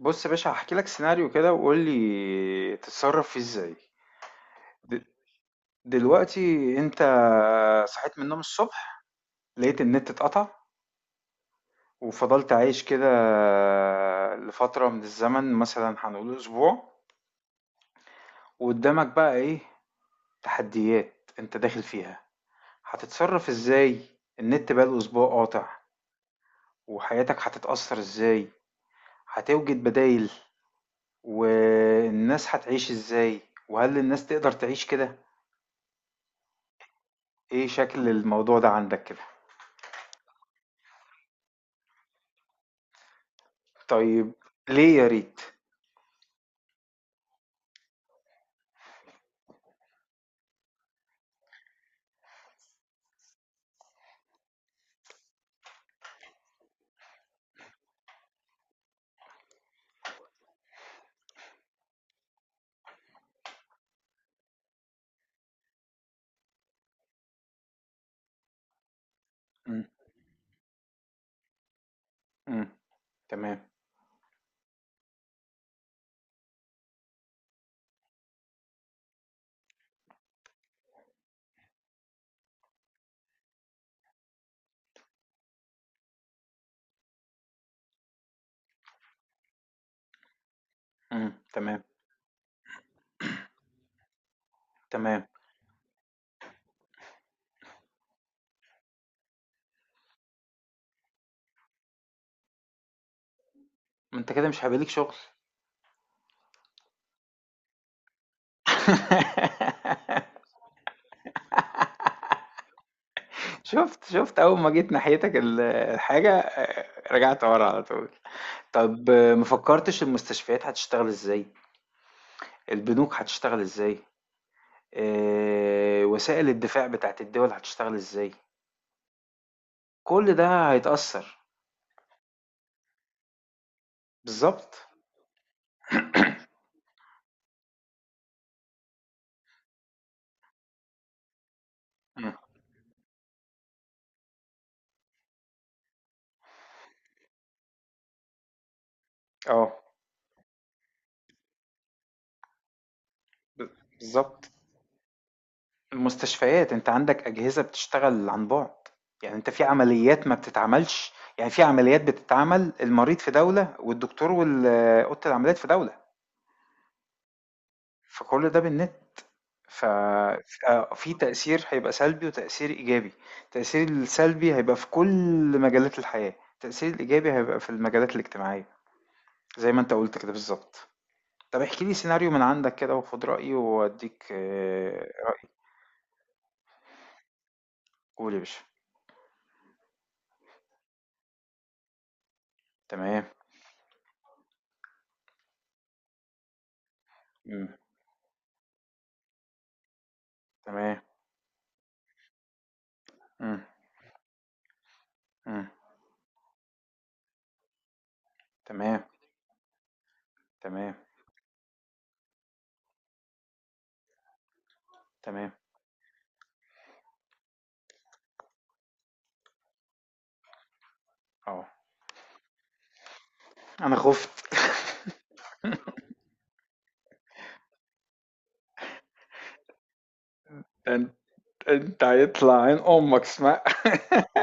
بص يا باشا هحكي لك سيناريو كده وقول لي تتصرف فيه ازاي. د- دلوقتي انت صحيت من النوم الصبح، لقيت النت اتقطع وفضلت عايش كده لفترة من الزمن، مثلا هنقول اسبوع. وقدامك بقى ايه تحديات انت داخل فيها؟ هتتصرف ازاي؟ النت بقى الاسبوع قاطع، وحياتك هتتأثر ازاي؟ هتوجد بدايل؟ والناس هتعيش ازاي؟ وهل الناس تقدر تعيش كده؟ إيه شكل الموضوع ده عندك كده؟ طيب، ليه يا ريت؟ إمم، إمم، تمام، تمام، تمام، ما أنت كده مش هيبقى ليك شغل. شُفت، شُفت أول ما جيت ناحيتك الحاجة رجعت ورا على طول. طب آه، ما فكرتش المستشفيات هتشتغل إزاي، البنوك هتشتغل إزاي، وسائل الدفاع بتاعة الدول هتشتغل إزاي، كل ده هيتأثر، بالضبط. إمم، آه، ب بالضبط. المستشفيات أنت عندك أجهزة بتشتغل عن بُعد، يعني أنت في عمليات ما بتتعملش، يعني في عمليات بتتعمل المريض في دولة والدكتور أوضة العمليات في دولة، فكل ده بالنت، ف ففي تأثير هيبقى سلبي وتأثير إيجابي، التأثير السلبي هيبقى في كل مجالات الحياة، التأثير الإيجابي هيبقى في المجالات الاجتماعية زي ما أنت قُلت كده بالضبط. طب احكِ لي سيناريو من عندك كده وخُد رأيي وأدّيك. قُل يا باشا. تمام، إمم، تمام، إمم. إمم. تمام، تمام، تمام، آه. أنا خُفت. ده أن أنت هيطلع عين أمك اسمع.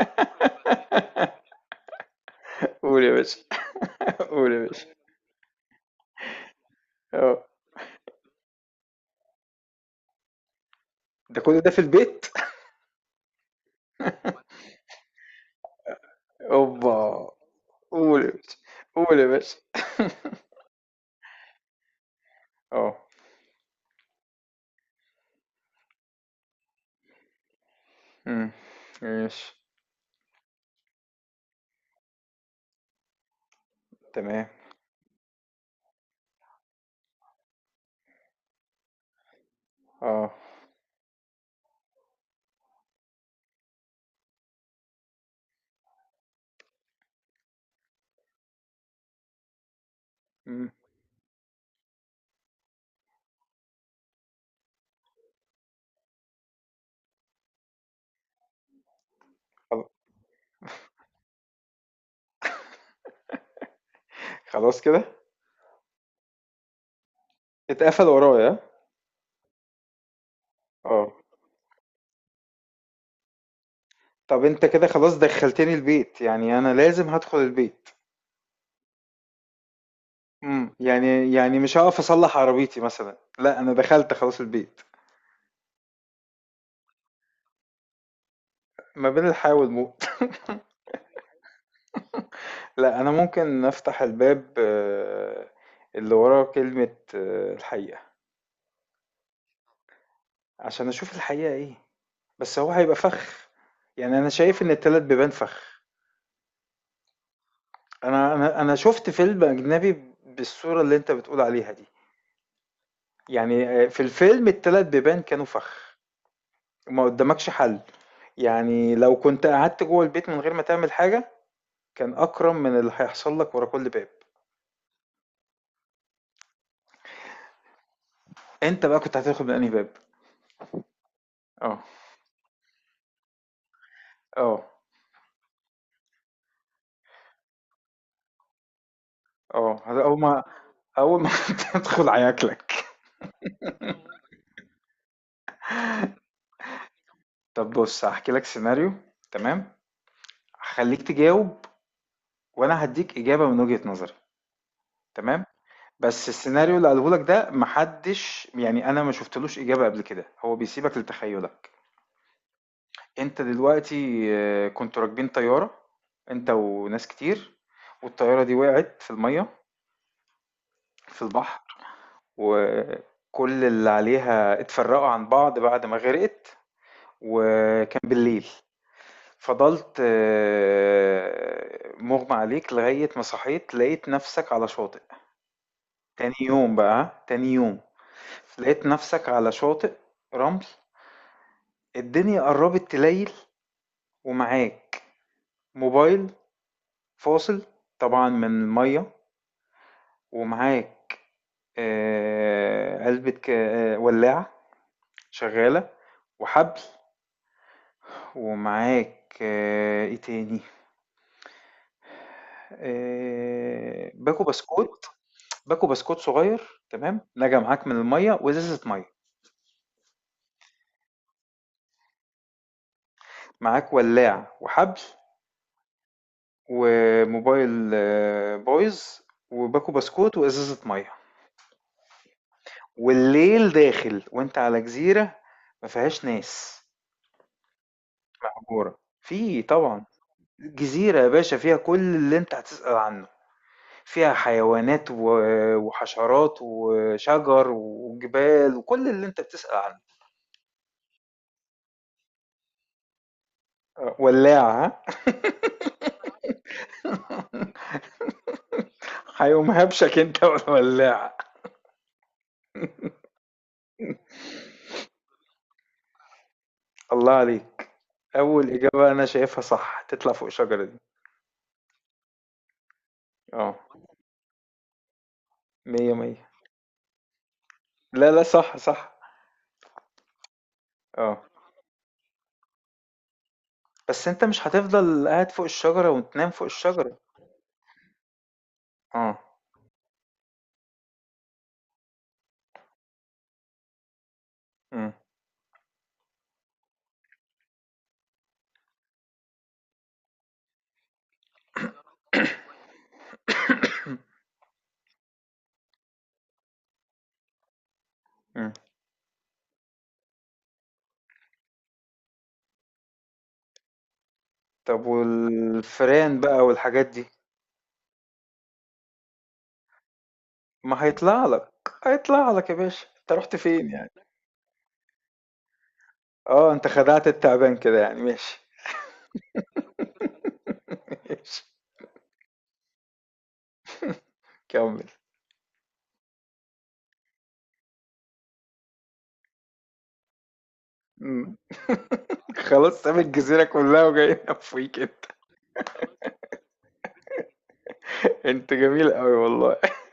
قُل يا باشا، قُل يا باشا، آه. ده كل ده في البيت؟ أوبا! قُل يا باشا، قُل يا باشا. آه. إمم. ماشي، تمام، آه. إمم. خل خلاص كده؟ اتقفل ورايا، آه. طَب أنت كده خلاص دخّلتني البيت، يعني أنا لازم هادخل البيت. امم، يعني مش هقف اصلح عربيتي مثلا، لا انا دخلت خلاص البيت، ما بين الحياة والموت. لا انا ممكن افتح الباب، آه، اللي وراه كلمة آه، الحقيقة، عشان اشوف الحقيقة ايه. بس هو هيبقى فخ، يعني انا شايف ان التلات بيبان فخ. انا شفت فيلم اجنبي بالصورة اللي انت بتقول عليها دي، يعني آه، في الفيلم التلات بيبان كانوا فخ. ما قدامكش حل، يعني لو كنت قعدت جوه البيت من غير ما تعمل حاجة، كان أكرم من اللي هيحصل لك ورا كل باب. أنت بقى كنت هتدخل من أنهي باب؟ اه، اه، اه. هذا أول ما أول ما تدخل هياكلك. طب بص هحكي لك سيناريو، تمام، هخليك تجاوب وأنا هديك إجابة من وجهة نظري. تمام. بس السيناريو اللي قاله لك ده محدش، يعني أنا ما شفتلوش إجابة قبل كده، هو بيسيبك لتخيلك. أنت دلوقتي آه، كنتوا راكبين طيارة، أنت وناس كتير، والطيارة دي وقعت في المية، في البحر، وكل اللي عليها اتفرقوا عن بعض بعد ما غرقت، وكان بالليل. فضلت آه، مغمى عليك لغاية ما صحيت لقيت نفسك على شاطئ، تاني يوم بقى، تاني يوم لقيت نفسك على شاطئ رمل، الدنيا قربت تليل، ومعاك موبايل فاصل طبعا من المية، ومعاك آه، ولاعة شغالة وحبل، ومعاك آه، ايه تاني، آه، باكو بسكوت، باكو بسكوت صغير تمام نجا معاك من المية، وازازة مية. معاك ولاع وحبل وموبايل آه، بايظ، وباكو بسكوت وازازة مية. والليل داخل وانت على جزيرة ما فيهاش ناس، محجورة في طبعا، جزيرة يا باشا فيها كل اللي انت هتسأل عنه، فيها حيوانات وحشرات وشجر وجبال وكل اللي انت بتسأل عنه. ولاعة ها؟ هيقوم هبشك انت والولاعة. الله عليك. اول اجابة انا شايفها صح تطلع فوق الشجرة دي. اه، مية مية. لا لا، صح صح. اه، بس انت مش هتفضل قاعد فوق الشجرة وتنام فوق الشجرة. اه. مم. مم. طب والفئران بقى والحاجات دي؟ ما هيطلع لك، هيطلع لك يا باشا، انت رحت فين يعني؟ اه، انت خدعت التعبان كده يعني، ماشي. ماشي، كمل. مم. خلاص ساب الجزيرة كلها وجاي نفويك انت. انت جميل قوي والله.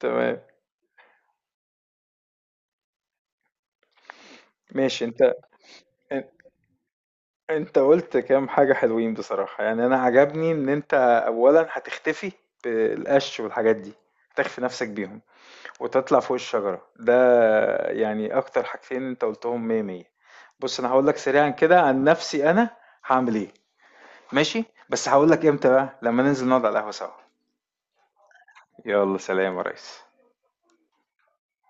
تمام. ماشي انت. ان- انت قلت كام حاجة حلوين بصراحة، يعني انا عجبني ان انت اولا هتختفي بالقش والحاجات دي، هتخفي نفسك بيهم، وتطلع فوق الشجرة ده. يعني اكتر حاجتين انت قلتهم مية مية. بص انا هقول لك سريعا كده عن نفسي، انا هعمل ايه. ماشي، بس هقول لك امتى بقى لما ننزل نقعد على القهوة سوا. يلا سلام يا ريس.